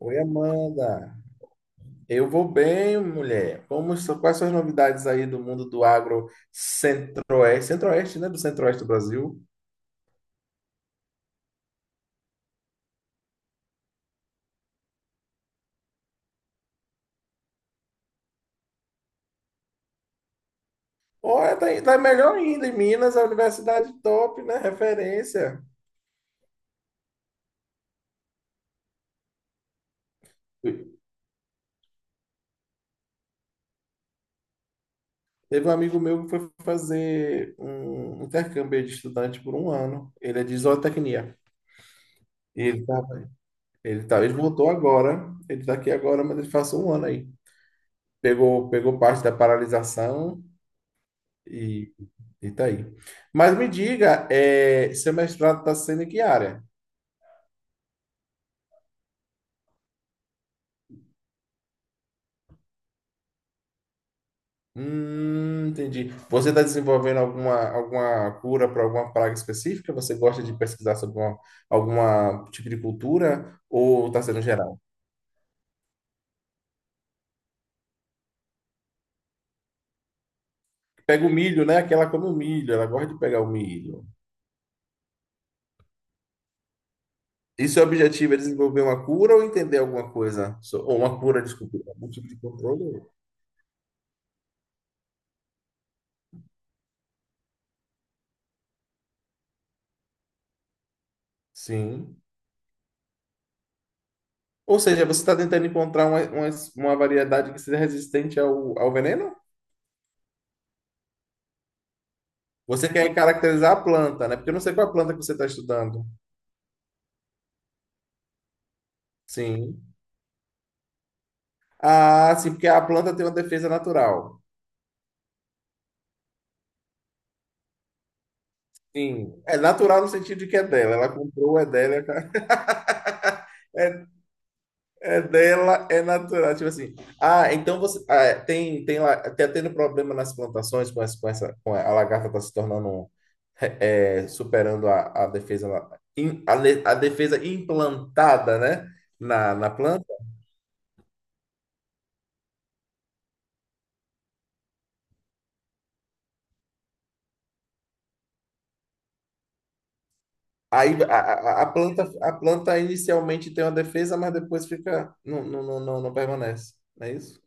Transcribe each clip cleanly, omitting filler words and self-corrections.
Oi, Amanda. Eu vou bem, mulher. Quais são as novidades aí do mundo do agro centro-oeste? Centro-oeste, né? Do centro-oeste do Brasil. Olha, tá, tá melhor ainda. Em Minas, a universidade top, né? Referência. Teve um amigo meu que foi fazer um intercâmbio de estudante por um ano. Ele é de zootecnia. E ele voltou agora. Ele tá aqui agora, mas ele passou um ano aí. Pegou parte da paralisação Itaí. Mas me diga, seu mestrado está sendo em que área? Entendi. Você está desenvolvendo alguma cura para alguma praga específica? Você gosta de pesquisar sobre alguma tipo de cultura ou está sendo geral? Pega o milho, né? Aquela come o milho, ela gosta de pegar o milho. E seu objetivo é desenvolver uma cura ou entender alguma coisa? Ou uma cura, desculpa, algum tipo de controle? Sim. Ou seja, você está tentando encontrar uma variedade que seja resistente ao veneno? Você quer caracterizar a planta, né? Porque eu não sei qual é a planta que você está estudando. Sim. Ah, sim, porque a planta tem uma defesa natural. Sim. É natural no sentido de que é dela. Ela comprou, é dela, é ca- é dela, é natural. Tipo assim. Ah, então você. Ah, tem, tem lá. Tá tendo problema nas plantações com essa, com essa. Com a lagarta está se tornando. É, superando a defesa. Na- in- A, le- a defesa implantada, né? Na planta. Aí a, a planta, a planta inicialmente tem uma defesa, mas depois fica, não, não, não, não, não permanece, não é isso?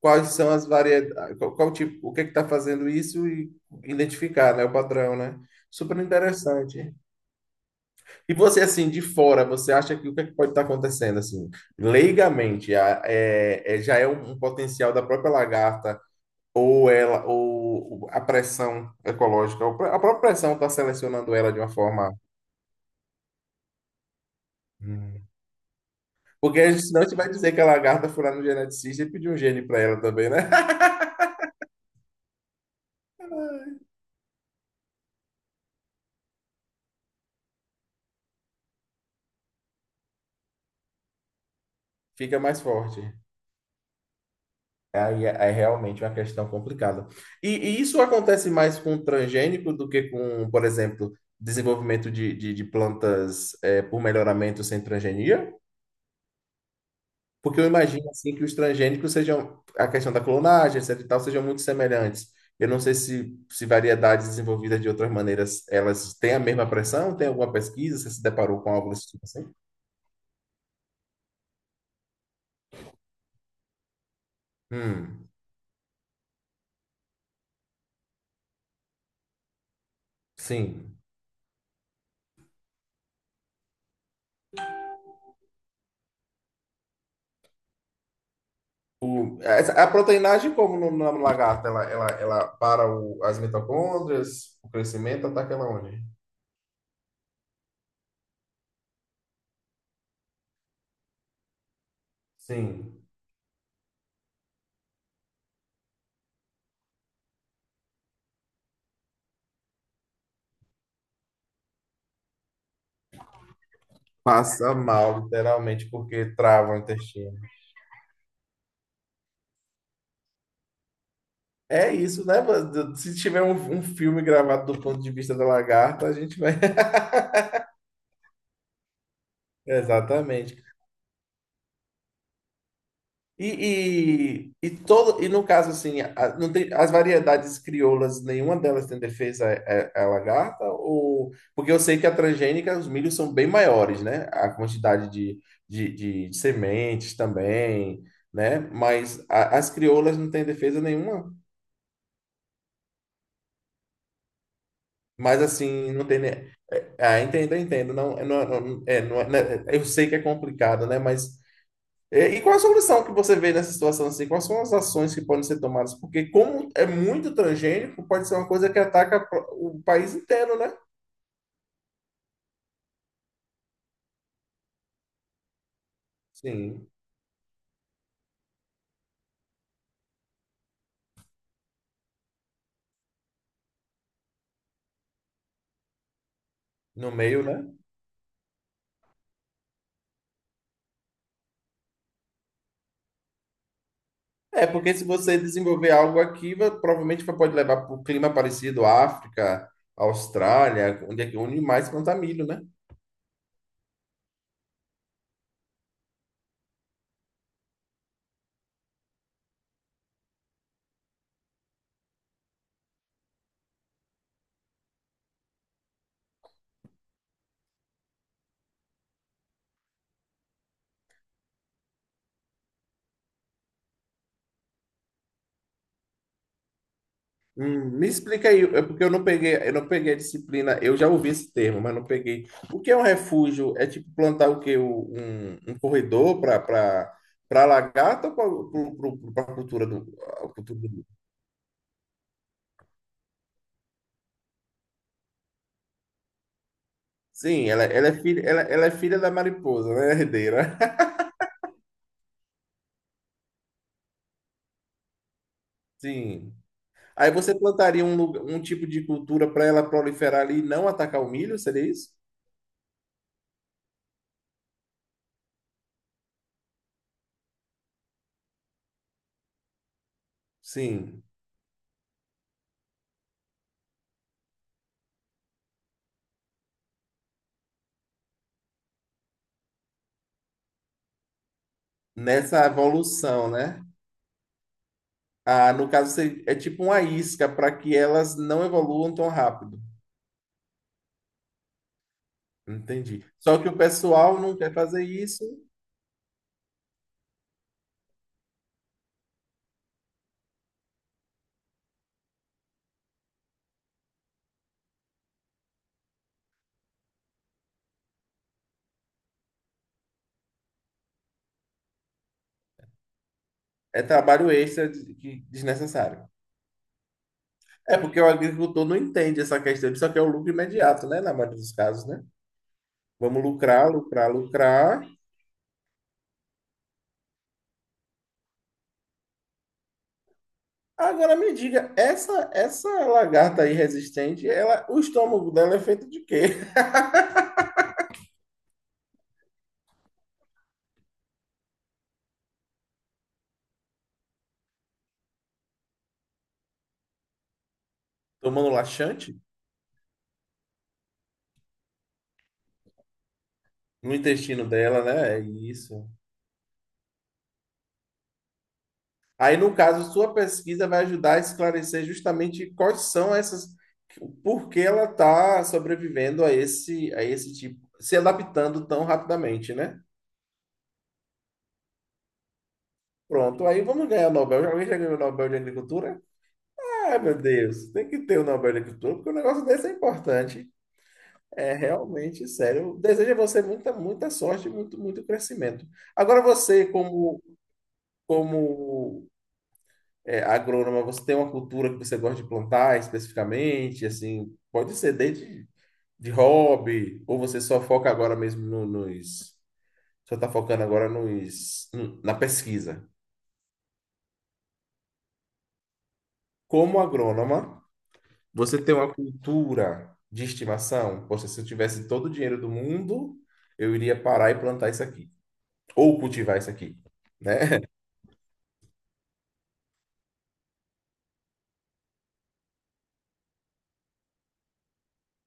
Quais são as variedades, qual tipo, o que está fazendo isso e identificar, né, o padrão, né? Super interessante. E você, assim, de fora, você acha que o que, é que pode estar acontecendo, assim, leigamente, a- é, é- já é um potencial da própria lagarta ou ela, ou a pressão ecológica, ou a própria pressão está selecionando ela de uma forma... hum, porque a gente- senão a gente vai dizer que a lagarta foi lá no geneticista e pediu um gene para ela também, né? Fica mais forte. Aí é, é realmente uma questão complicada. E isso acontece mais com transgênico do que com, por exemplo, desenvolvimento de plantas por melhoramento sem transgenia? Porque eu imagino assim que os transgênicos sejam, a questão da clonagem, etc e tal, sejam muito semelhantes. Eu não sei se variedades desenvolvidas de outras maneiras, elas têm a mesma pressão? Tem alguma pesquisa? Você se deparou com algo desse tipo assim? Hum. Sim. O- Essa- A proteinagem, como no, na lagarta, ela para o- as mitocôndrias, o crescimento, ataca ela onde? Sim. Passa mal, literalmente, porque trava o intestino. É isso, né, mano? Se tiver um filme gravado do ponto de vista da lagarta, a gente vai. Exatamente. E, todo, e no caso, assim, a- não tem, as variedades crioulas, nenhuma delas tem defesa à- lagarta? Ou, porque eu sei que a transgênica, os milhos são bem maiores, né? A quantidade de sementes também, né? Mas a- as crioulas não têm defesa nenhuma. Mas, assim, não tem... ne- Ah, entendo, entendo. É, não, é- né? Eu sei que é complicado, né? Mas é, e qual a solução que você vê nessa situação assim? Quais são as ações que podem ser tomadas? Porque como é muito transgênico, pode ser uma coisa que ataca pro- o país inteiro, né? Sim, no meio, né? É, porque se você desenvolver algo aqui, vai- provavelmente vai- pode levar para o clima parecido, África, Austrália, onde, é que- onde mais planta milho, né? Me explica aí, é porque eu não peguei a disciplina, eu já ouvi esse termo, mas não peguei. O que é um refúgio? É tipo plantar o quê? O- um corredor para para a lagarta ou para a cultura do- Sim, ela é filha, ela é filha da mariposa, né, herdeira? Sim. Aí você plantaria um, lugar- um tipo de cultura para ela proliferar ali e não atacar o milho, seria isso? Sim. Nessa evolução, né? Ah, no caso, se- é tipo uma isca para que elas não evoluam tão rápido. Entendi. Só que o pessoal não quer fazer isso, é trabalho extra de- que- desnecessário. É porque o agricultor não entende essa questão, ele só quer o lucro imediato, né? Na maioria dos casos, né? Vamos lucrar, lucrar, lucrar. Agora me diga, essa lagarta aí resistente, ela, o estômago dela é feito de quê? Tomando laxante? No intestino dela, né? É isso. Aí, no caso, sua pesquisa vai ajudar a esclarecer justamente quais são essas, por que ela está sobrevivendo a esse tipo, se adaptando tão rapidamente, né? Pronto, aí vamos ganhar o Nobel. Alguém já ganhou o Nobel de Agricultura? Ah, meu Deus, tem que ter o Nobel de Agricultura, porque o negócio desse é importante. É realmente sério. Desejo a você muita, muita sorte e muito, muito crescimento. Agora, você, como, como é, agrônoma, você tem uma cultura que você gosta de plantar especificamente, assim, pode ser desde de hobby, ou você só foca agora mesmo no- nos, só está focando agora nos, na pesquisa. Como agrônoma, você tem uma cultura de estimação? Poxa, se eu tivesse todo o dinheiro do mundo, eu iria parar e plantar isso aqui, ou cultivar isso aqui, né?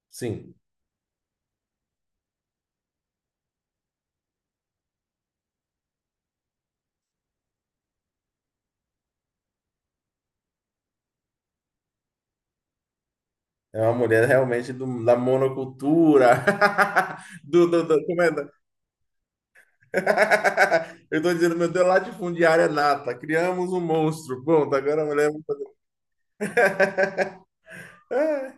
Sim. É uma mulher realmente do- da monocultura, como é? Eu tô dizendo, meu Deus, latifundiária nata, criamos um monstro. Bom, agora a mulher. É,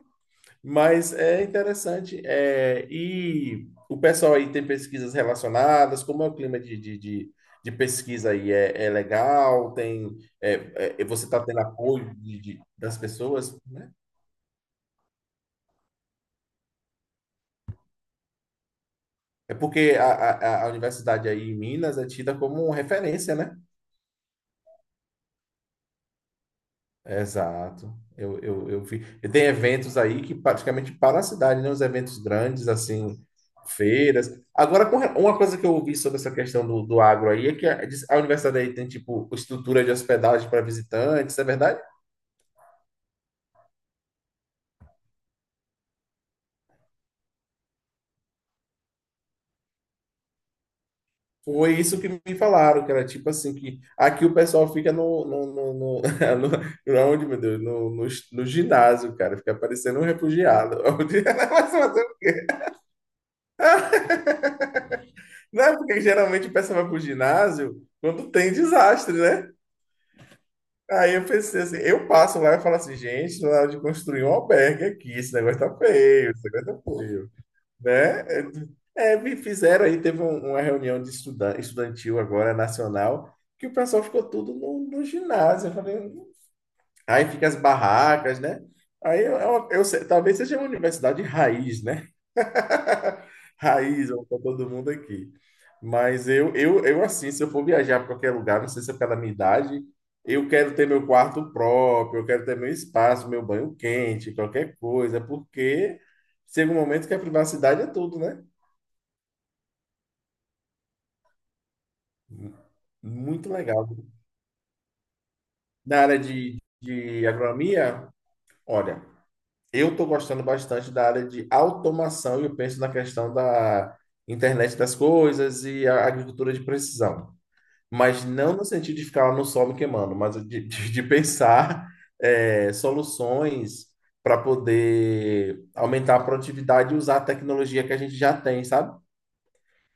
mas é interessante. É, e o pessoal aí tem pesquisas relacionadas, como é o clima de pesquisa aí? É, é legal? Tem, é, é, é, você está tendo apoio de- das pessoas, né? É porque a universidade aí em Minas é tida como referência, né? Exato. Eu vi. E tem eventos aí que praticamente para a cidade, né? Os eventos grandes, assim, feiras. Agora, com re- uma coisa que eu ouvi sobre essa questão do agro aí é que a, diz- a universidade aí tem, tipo, estrutura de hospedagem para visitantes, é verdade? Foi isso que me falaram, que era tipo assim, que aqui o pessoal fica no- no- aonde, meu Deus, no ginásio, cara, fica parecendo um refugiado. Mas, não é porque geralmente o pessoal vai pro ginásio quando tem desastre, né? Aí eu pensei assim, eu passo lá e falo assim, gente, na hora de construir um albergue aqui, esse negócio tá feio, esse negócio tá feio, né? É, me fizeram aí, teve um- uma reunião de estudan- estudantil agora, nacional, que o pessoal ficou tudo no ginásio, eu falei, aí fica as barracas, né? Eu sei- talvez seja uma universidade raiz, né? Raiz, ó, pra todo mundo aqui. Mas eu assim, se eu for viajar para qualquer lugar, não sei se é pela minha idade, eu quero ter meu quarto próprio, eu quero ter meu espaço, meu banho quente, qualquer coisa, porque chega um momento que a privacidade é tudo, né? Muito legal. Na área de agronomia, olha, eu estou gostando bastante da área de automação e eu penso na questão da internet das coisas e a agricultura de precisão. Mas não no sentido de ficar lá no sol me queimando, mas de pensar é, soluções para poder aumentar a produtividade e usar a tecnologia que a gente já tem, sabe?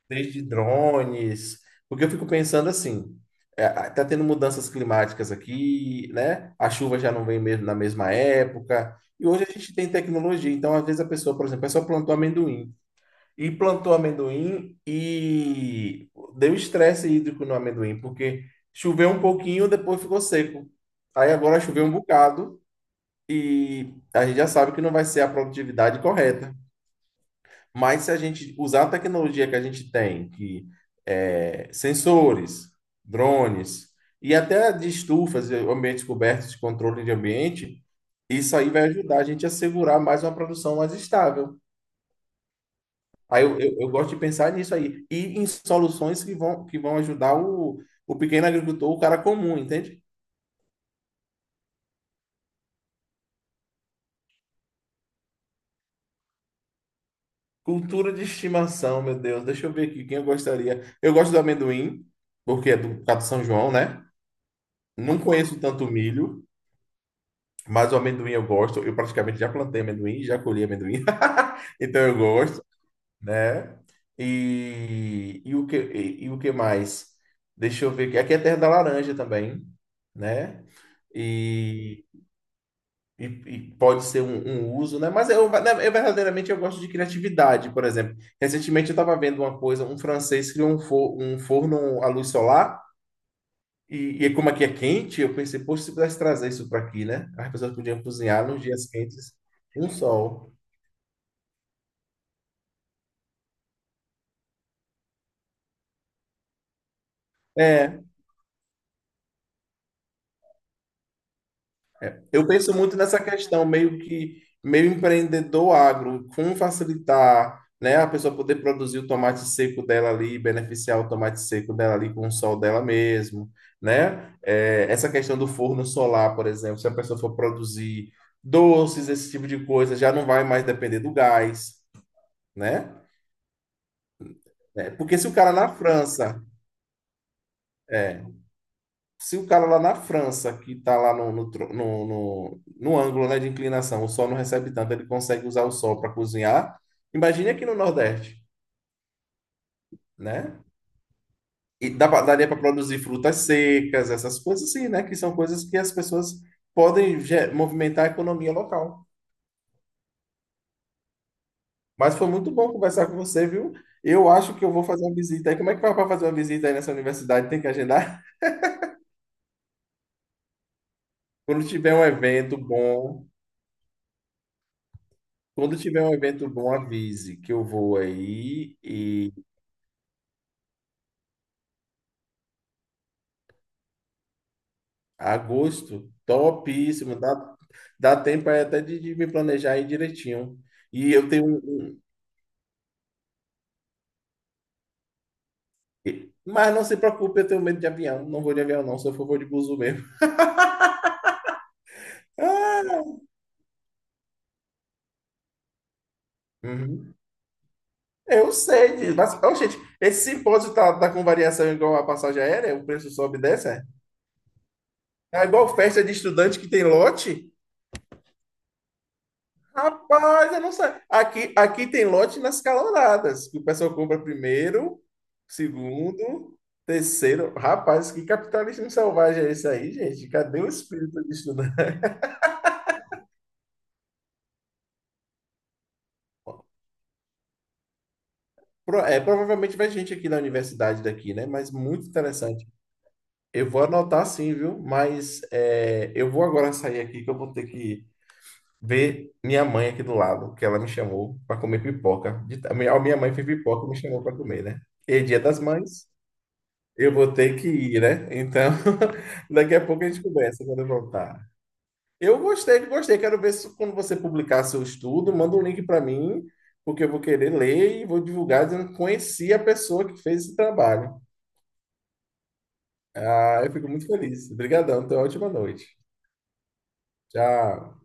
Desde drones, porque eu fico pensando assim, é, tá tendo mudanças climáticas aqui, né? A chuva já não vem mesmo na mesma época, e hoje a gente tem tecnologia, então às vezes a pessoa, por exemplo, a pessoa plantou amendoim e deu estresse hídrico no amendoim, porque choveu um pouquinho, depois ficou seco. Aí agora choveu um bocado e a gente já sabe que não vai ser a produtividade correta. Mas se a gente usar a tecnologia que a gente tem, que sensores, drones e até de estufas, e ambientes cobertos de controle de ambiente, isso aí vai ajudar a gente a segurar mais uma produção mais estável. Eu gosto de pensar nisso aí. E em soluções que vão ajudar o pequeno agricultor, o cara comum, entende? Cultura de estimação, meu Deus. Deixa eu ver aqui quem eu gostaria. Eu gosto do amendoim, porque é do, por causa do São João, né? Não conheço tanto milho, mas o amendoim eu gosto. Eu praticamente já plantei amendoim, já colhi amendoim. Então eu gosto, né? E o que mais? Deixa eu ver aqui. Aqui é terra da laranja também, né? E e e pode ser um uso, né? Mas eu, né, eu verdadeiramente eu gosto de criatividade, por exemplo. Recentemente eu estava vendo uma coisa, um francês criou um, for, um forno à luz solar, e como aqui é quente, eu pensei, poxa, se pudesse trazer isso para aqui, né? As pessoas podiam cozinhar nos dias quentes, um sol. É eu penso muito nessa questão meio que meio empreendedor agro, como facilitar, né, a pessoa poder produzir o tomate seco dela ali, beneficiar o tomate seco dela ali com o sol dela mesmo, né? É, essa questão do forno solar, por exemplo, se a pessoa for produzir doces, esse tipo de coisa, já não vai mais depender do gás, né? É, porque se o cara na França é, se o cara lá na França, que está lá no ângulo, né, de inclinação, o sol não recebe tanto, ele consegue usar o sol para cozinhar, imagine aqui no Nordeste, né? E dá pra- daria para produzir frutas secas, essas coisas assim, né? Que são coisas que as pessoas podem ge- movimentar a economia local. Mas foi muito bom conversar com você, viu? Eu acho que eu vou fazer uma visita aí. Como é que vai para fazer uma visita aí nessa universidade? Tem que agendar? Quando tiver um evento bom, quando tiver um evento bom, avise que eu vou aí. Agosto, topíssimo. Dá, dá tempo aí até de me planejar aí direitinho. E eu tenho. Um- um- mas não se preocupe, eu tenho medo de avião. Não vou de avião, não. Se eu for, vou de buzu mesmo. Ah, uhum. Eu sei disso. Mas, ô, gente, esse simpósio tá, tá com variação igual a passagem aérea? O preço sobe e desce? É é igual festa de estudante que tem lote? Rapaz, eu não sei. Aqui tem lote nas caloradas, que o pessoal compra primeiro, segundo, terceiro. Rapaz, que capitalismo selvagem é esse aí, gente? Cadê o espírito de estudar? Pro- é, provavelmente vai gente aqui na universidade daqui, né? Mas muito interessante. Eu vou anotar sim, viu? Eu vou agora sair aqui que eu vou ter que ver minha mãe aqui do lado, que ela me chamou para comer pipoca. De- a minha mãe fez pipoca e me chamou para comer, né? E é dia das mães. Eu vou ter que ir, né? Então, daqui a pouco a gente conversa quando eu voltar. Eu gostei, gostei. Quero ver se quando você publicar seu estudo, manda um link para mim, porque eu vou querer ler e vou divulgar dizendo que conheci a pessoa que fez esse trabalho. Ah, eu fico muito feliz. Obrigadão, tenha uma ótima noite. Tchau.